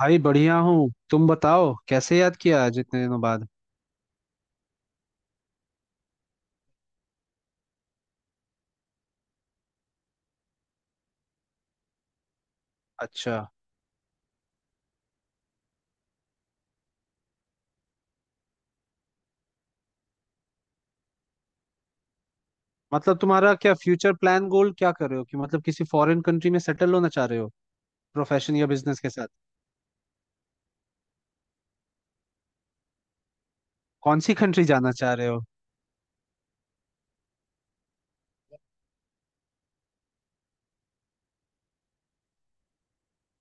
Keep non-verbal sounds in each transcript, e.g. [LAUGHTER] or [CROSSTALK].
भाई, बढ़िया हूँ। तुम बताओ, कैसे याद किया आज इतने दिनों बाद? अच्छा, मतलब तुम्हारा क्या फ्यूचर प्लान गोल क्या कर रहे हो कि मतलब किसी फॉरेन कंट्री में सेटल होना चाह रहे हो? प्रोफेशन या बिजनेस के साथ? कौन सी कंट्री जाना चाह रहे हो?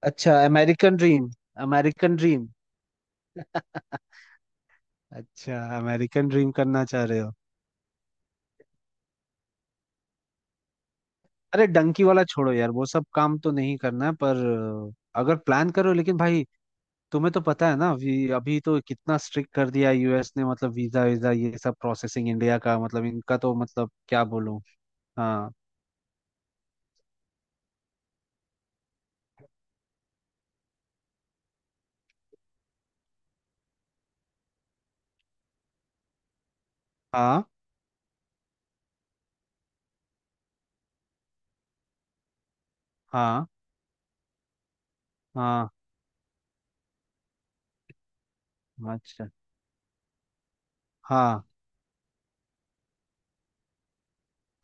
अच्छा, अमेरिकन ड्रीम। American dream. [LAUGHS] अच्छा, अमेरिकन ड्रीम करना चाह रहे हो? अरे, डंकी वाला छोड़ो यार, वो सब काम तो नहीं करना है, पर अगर प्लान करो लेकिन भाई, तुम्हें तो पता है ना। अभी अभी तो कितना स्ट्रिक्ट कर दिया यूएस ने, मतलब वीजा वीजा ये सब प्रोसेसिंग इंडिया का मतलब इनका तो मतलब क्या बोलूं। हाँ, हाँ, हाँ, हाँ। अच्छा। हाँ,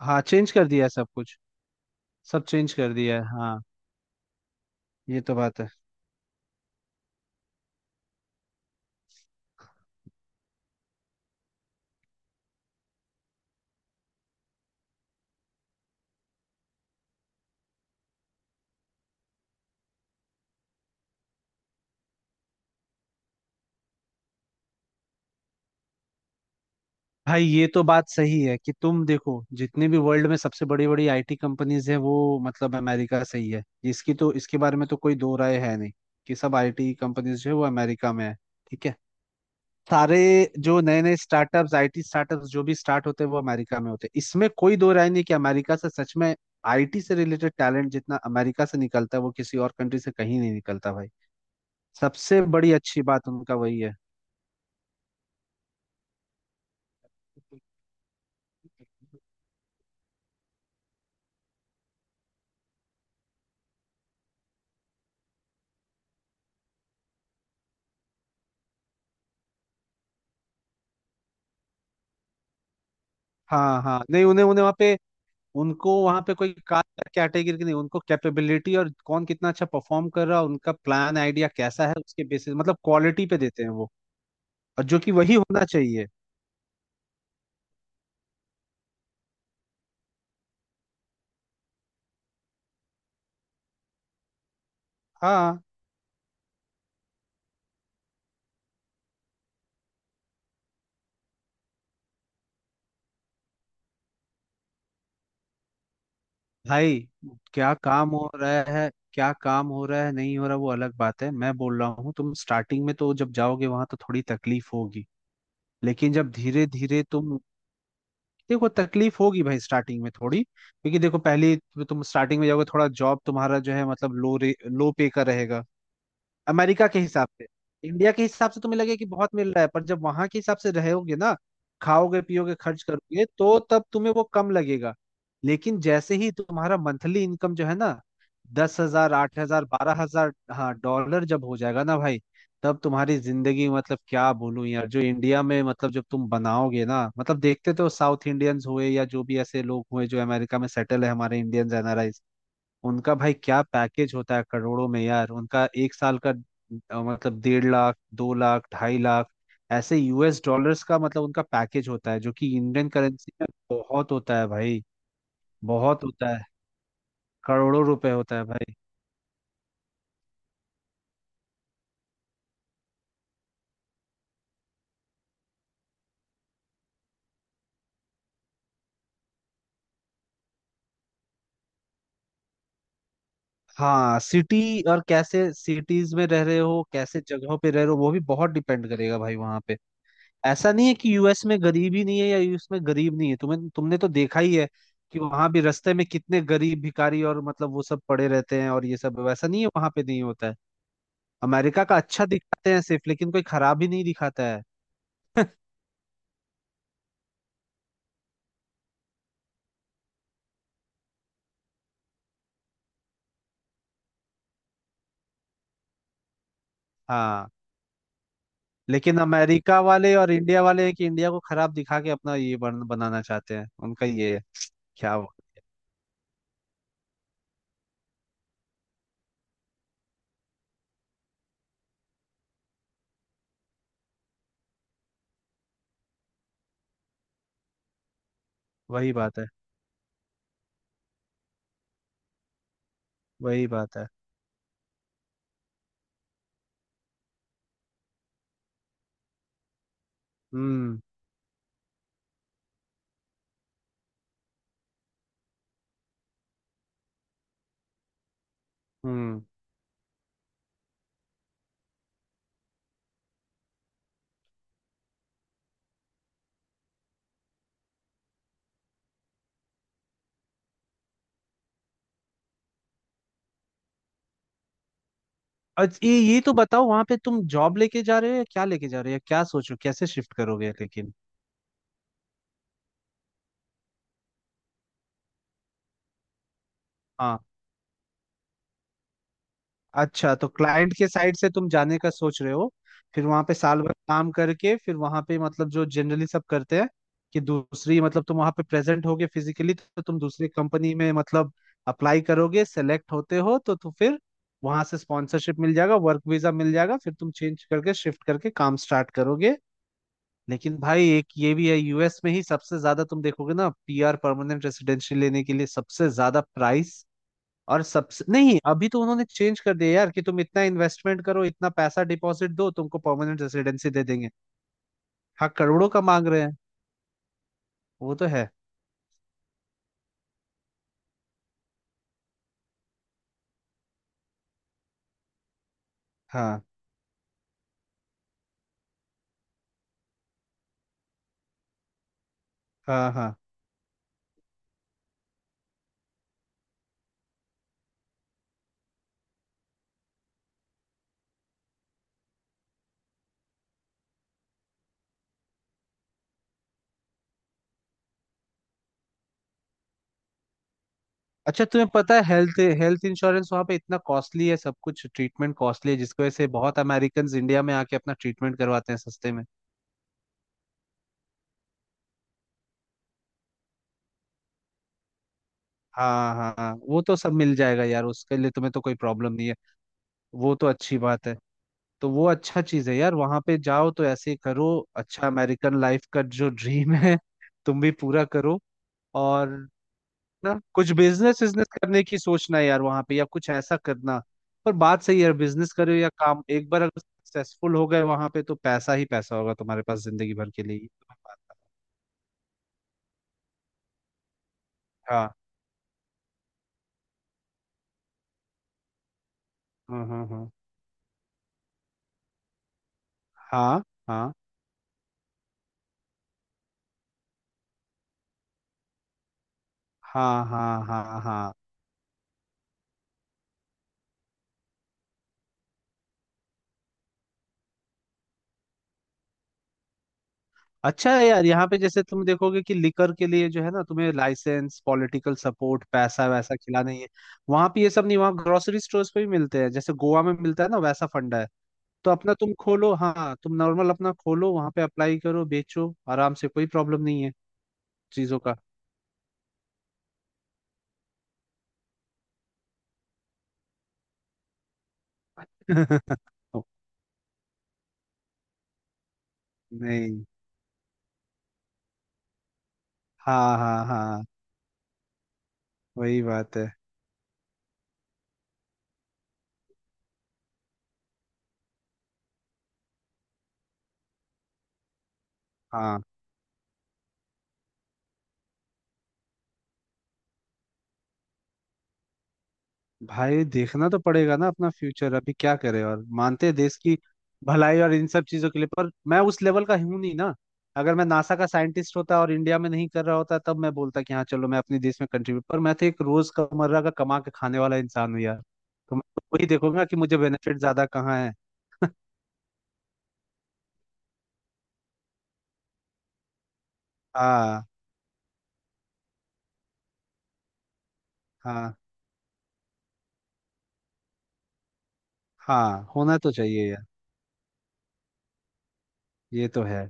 हाँ, चेंज कर दिया है सब कुछ। सब चेंज कर दिया है हाँ। ये तो बात है। भाई, ये तो बात सही है कि तुम देखो जितने भी वर्ल्ड में सबसे बड़ी बड़ी आईटी कंपनीज है वो मतलब अमेरिका से ही है। इसकी तो, इसके बारे में तो कोई दो राय है नहीं कि सब आईटी कंपनीज जो है वो अमेरिका में है। ठीक है। सारे जो नए नए स्टार्टअप्स आईटी स्टार्टअप्स जो भी स्टार्ट होते हैं वो अमेरिका में होते हैं, इसमें कोई दो राय नहीं कि अमेरिका से सच में आईटी से रिलेटेड टैलेंट जितना अमेरिका से निकलता है वो किसी और कंट्री से कहीं नहीं निकलता भाई। सबसे बड़ी अच्छी बात उनका वही है। हाँ, हाँ, नहीं, उन्हें उन्हें वहाँ पे, उनको वहाँ पे कोई कास्ट कैटेगरी की नहीं, उनको कैपेबिलिटी और कौन कितना अच्छा परफॉर्म कर रहा है, उनका प्लान आइडिया कैसा है, उसके बेसिस मतलब क्वालिटी पे देते हैं वो। और जो कि वही होना चाहिए। हाँ। भाई, क्या काम हो रहा है, क्या काम हो रहा है, नहीं हो रहा, वो अलग बात है। मैं बोल रहा हूँ तुम स्टार्टिंग में तो जब जाओगे वहां तो थोड़ी तकलीफ होगी, लेकिन जब धीरे धीरे तुम, देखो तकलीफ होगी भाई स्टार्टिंग में थोड़ी, क्योंकि देखो पहले तो तुम स्टार्टिंग में जाओगे, थोड़ा जॉब तुम्हारा जो है मतलब लो रे लो पे का रहेगा अमेरिका के हिसाब से। इंडिया के हिसाब से तुम्हें लगे कि बहुत मिल रहा है, पर जब वहां के हिसाब से रहोगे ना, खाओगे पियोगे खर्च करोगे तो तब तुम्हें वो कम लगेगा। लेकिन जैसे ही तुम्हारा मंथली इनकम जो है ना, 10,000 8,000 12,000, हाँ, डॉलर जब हो जाएगा ना भाई, तब तुम्हारी जिंदगी मतलब क्या बोलूं यार, जो इंडिया में मतलब जब तुम बनाओगे ना, मतलब देखते तो साउथ इंडियंस हुए या जो भी ऐसे लोग हुए जो अमेरिका में सेटल है हमारे इंडियंस, उनका भाई क्या पैकेज होता है करोड़ों में यार, उनका एक साल का मतलब 1,50,000, 2,00,000, 2,50,000 ऐसे यूएस डॉलर्स का मतलब उनका पैकेज होता है जो कि इंडियन करेंसी में बहुत होता है भाई। बहुत होता है। करोड़ों रुपए होता है भाई। हाँ, सिटी और कैसे सिटीज में रह रहे हो, कैसे जगहों पे रह रहे हो वो भी बहुत डिपेंड करेगा भाई वहां पे। ऐसा नहीं है कि यूएस में गरीबी नहीं है या यूएस में गरीब नहीं है, तुम्हें, तुमने तो देखा ही है कि वहां भी रास्ते में कितने गरीब भिखारी और मतलब वो सब पड़े रहते हैं, और ये सब वैसा नहीं है, वहां पे नहीं होता है। अमेरिका का अच्छा दिखाते हैं सिर्फ, लेकिन कोई खराब ही नहीं दिखाता है। हाँ। लेकिन अमेरिका वाले और इंडिया वाले हैं कि इंडिया को खराब दिखा के अपना बनाना चाहते हैं, उनका ये है। क्या वो- वही बात है। वही बात है। हम्म। हम्म। अच्छा, ये तो बताओ, वहां पे तुम जॉब लेके जा रहे हो या क्या लेके जा रहे हो या क्या सोचो, कैसे शिफ्ट करोगे लेकिन। हाँ। अच्छा, तो क्लाइंट के साइड से तुम जाने का सोच रहे हो? फिर वहां पे साल भर काम करके फिर वहां पे मतलब जो जनरली सब करते हैं कि दूसरी मतलब तुम वहां पे प्रेजेंट होगे फिजिकली तो तुम दूसरी कंपनी में मतलब अप्लाई करोगे, सेलेक्ट होते हो तो फिर वहां से स्पॉन्सरशिप मिल जाएगा, वर्क वीजा मिल जाएगा, फिर तुम चेंज करके शिफ्ट करके काम स्टार्ट करोगे। लेकिन भाई एक ये भी है, यूएस में ही सबसे ज्यादा तुम देखोगे ना पीआर परमानेंट रेसिडेंसी लेने के लिए सबसे ज्यादा प्राइस। और सबसे नहीं, अभी तो उन्होंने चेंज कर दिया यार कि तुम इतना इन्वेस्टमेंट करो, इतना पैसा डिपॉजिट दो, तुमको परमानेंट रेसिडेंसी दे देंगे। हाँ, करोड़ों का मांग रहे हैं। वो तो है। हाँ, हाँ, हाँ। अच्छा, तुम्हें पता है, हेल्थ हेल्थ इंश्योरेंस वहाँ पे इतना कॉस्टली है, सब कुछ ट्रीटमेंट कॉस्टली है, जिसकी वजह से बहुत अमेरिकन इंडिया में आके अपना ट्रीटमेंट करवाते हैं सस्ते में। हाँ, हाँ, हाँ, वो तो सब मिल जाएगा यार, उसके लिए तुम्हें तो कोई प्रॉब्लम नहीं है। वो तो अच्छी बात है। तो वो अच्छा चीज है यार, वहां पे जाओ तो ऐसे ही करो। अच्छा, अमेरिकन लाइफ का जो ड्रीम है तुम भी पूरा करो। और ना कुछ बिजनेस बिजनेस करने की सोचना है यार वहां पे या कुछ ऐसा करना। पर बात सही है यार, बिजनेस करो या काम, एक बार अगर सक्सेसफुल हो गए वहां पे तो पैसा ही पैसा होगा तुम्हारे पास जिंदगी भर के लिए, ये तो मैं मानता हूँ। हाँ, हाँ, हाँ, हाँ, हाँ, हाँ, हाँ, हाँ, हाँ, हाँ। अच्छा है यार, यहाँ पे जैसे तुम देखोगे कि लिकर के लिए जो है ना तुम्हें लाइसेंस, पॉलिटिकल सपोर्ट, पैसा वैसा खिलाना ही है। वहां पे ये सब नहीं, वहाँ ग्रोसरी स्टोर्स पे भी मिलते हैं, जैसे गोवा में मिलता है ना, वैसा फंडा है। तो अपना तुम खोलो, हाँ तुम नॉर्मल अपना खोलो वहां पे, अप्लाई करो, बेचो आराम से, कोई प्रॉब्लम नहीं है चीजों का। [LAUGHS] नहीं। हाँ, हाँ, हाँ। वही बात है। हाँ भाई, देखना तो पड़ेगा ना अपना फ्यूचर, अभी क्या करे, और मानते हैं देश की भलाई और इन सब चीजों के लिए, पर मैं उस लेवल का हूं नहीं ना। अगर मैं नासा का साइंटिस्ट होता और इंडिया में नहीं कर रहा होता तब मैं बोलता कि हाँ चलो मैं अपने देश में कंट्रीब्यूट, पर मैं तो एक रोज कमर्रा का कमा के खाने वाला इंसान हूँ यार। तो मैं वही देखूंगा कि मुझे बेनिफिट ज्यादा कहाँ है। हाँ, हाँ, हाँ। होना तो चाहिए यार। ये तो है।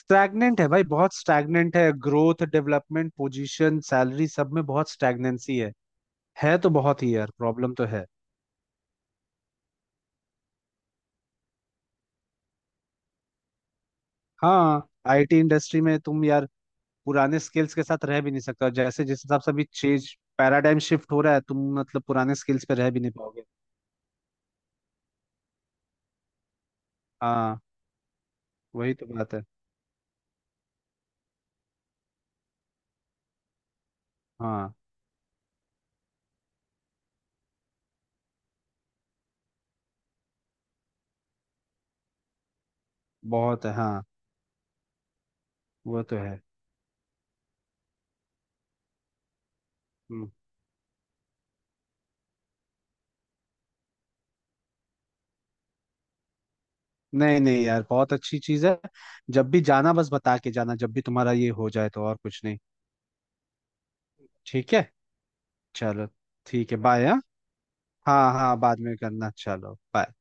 स्टैग्नेंट है भाई, बहुत स्टैग्नेंट है, ग्रोथ डेवलपमेंट पोजीशन सैलरी सब में बहुत स्टैग्नेंसी है। है तो बहुत ही यार, प्रॉब्लम तो है। हाँ, आईटी इंडस्ट्री में तुम यार पुराने स्किल्स के साथ रह भी नहीं सकते, और जैसे जिस हिसाब से अभी चेंज, पैराडाइम शिफ्ट हो रहा है, तुम मतलब पुराने स्किल्स पे रह भी नहीं पाओगे। हाँ। वही तो बात है। हाँ, बहुत है हाँ। वो तो है। हम्म। नहीं नहीं यार, बहुत अच्छी चीज है। जब भी जाना बस बता के जाना, जब भी तुम्हारा ये हो जाए, तो और कुछ नहीं। ठीक है। चलो। ठीक है, बाय, हाँ। हाँ, हाँ, बाद में करना, चलो बाय।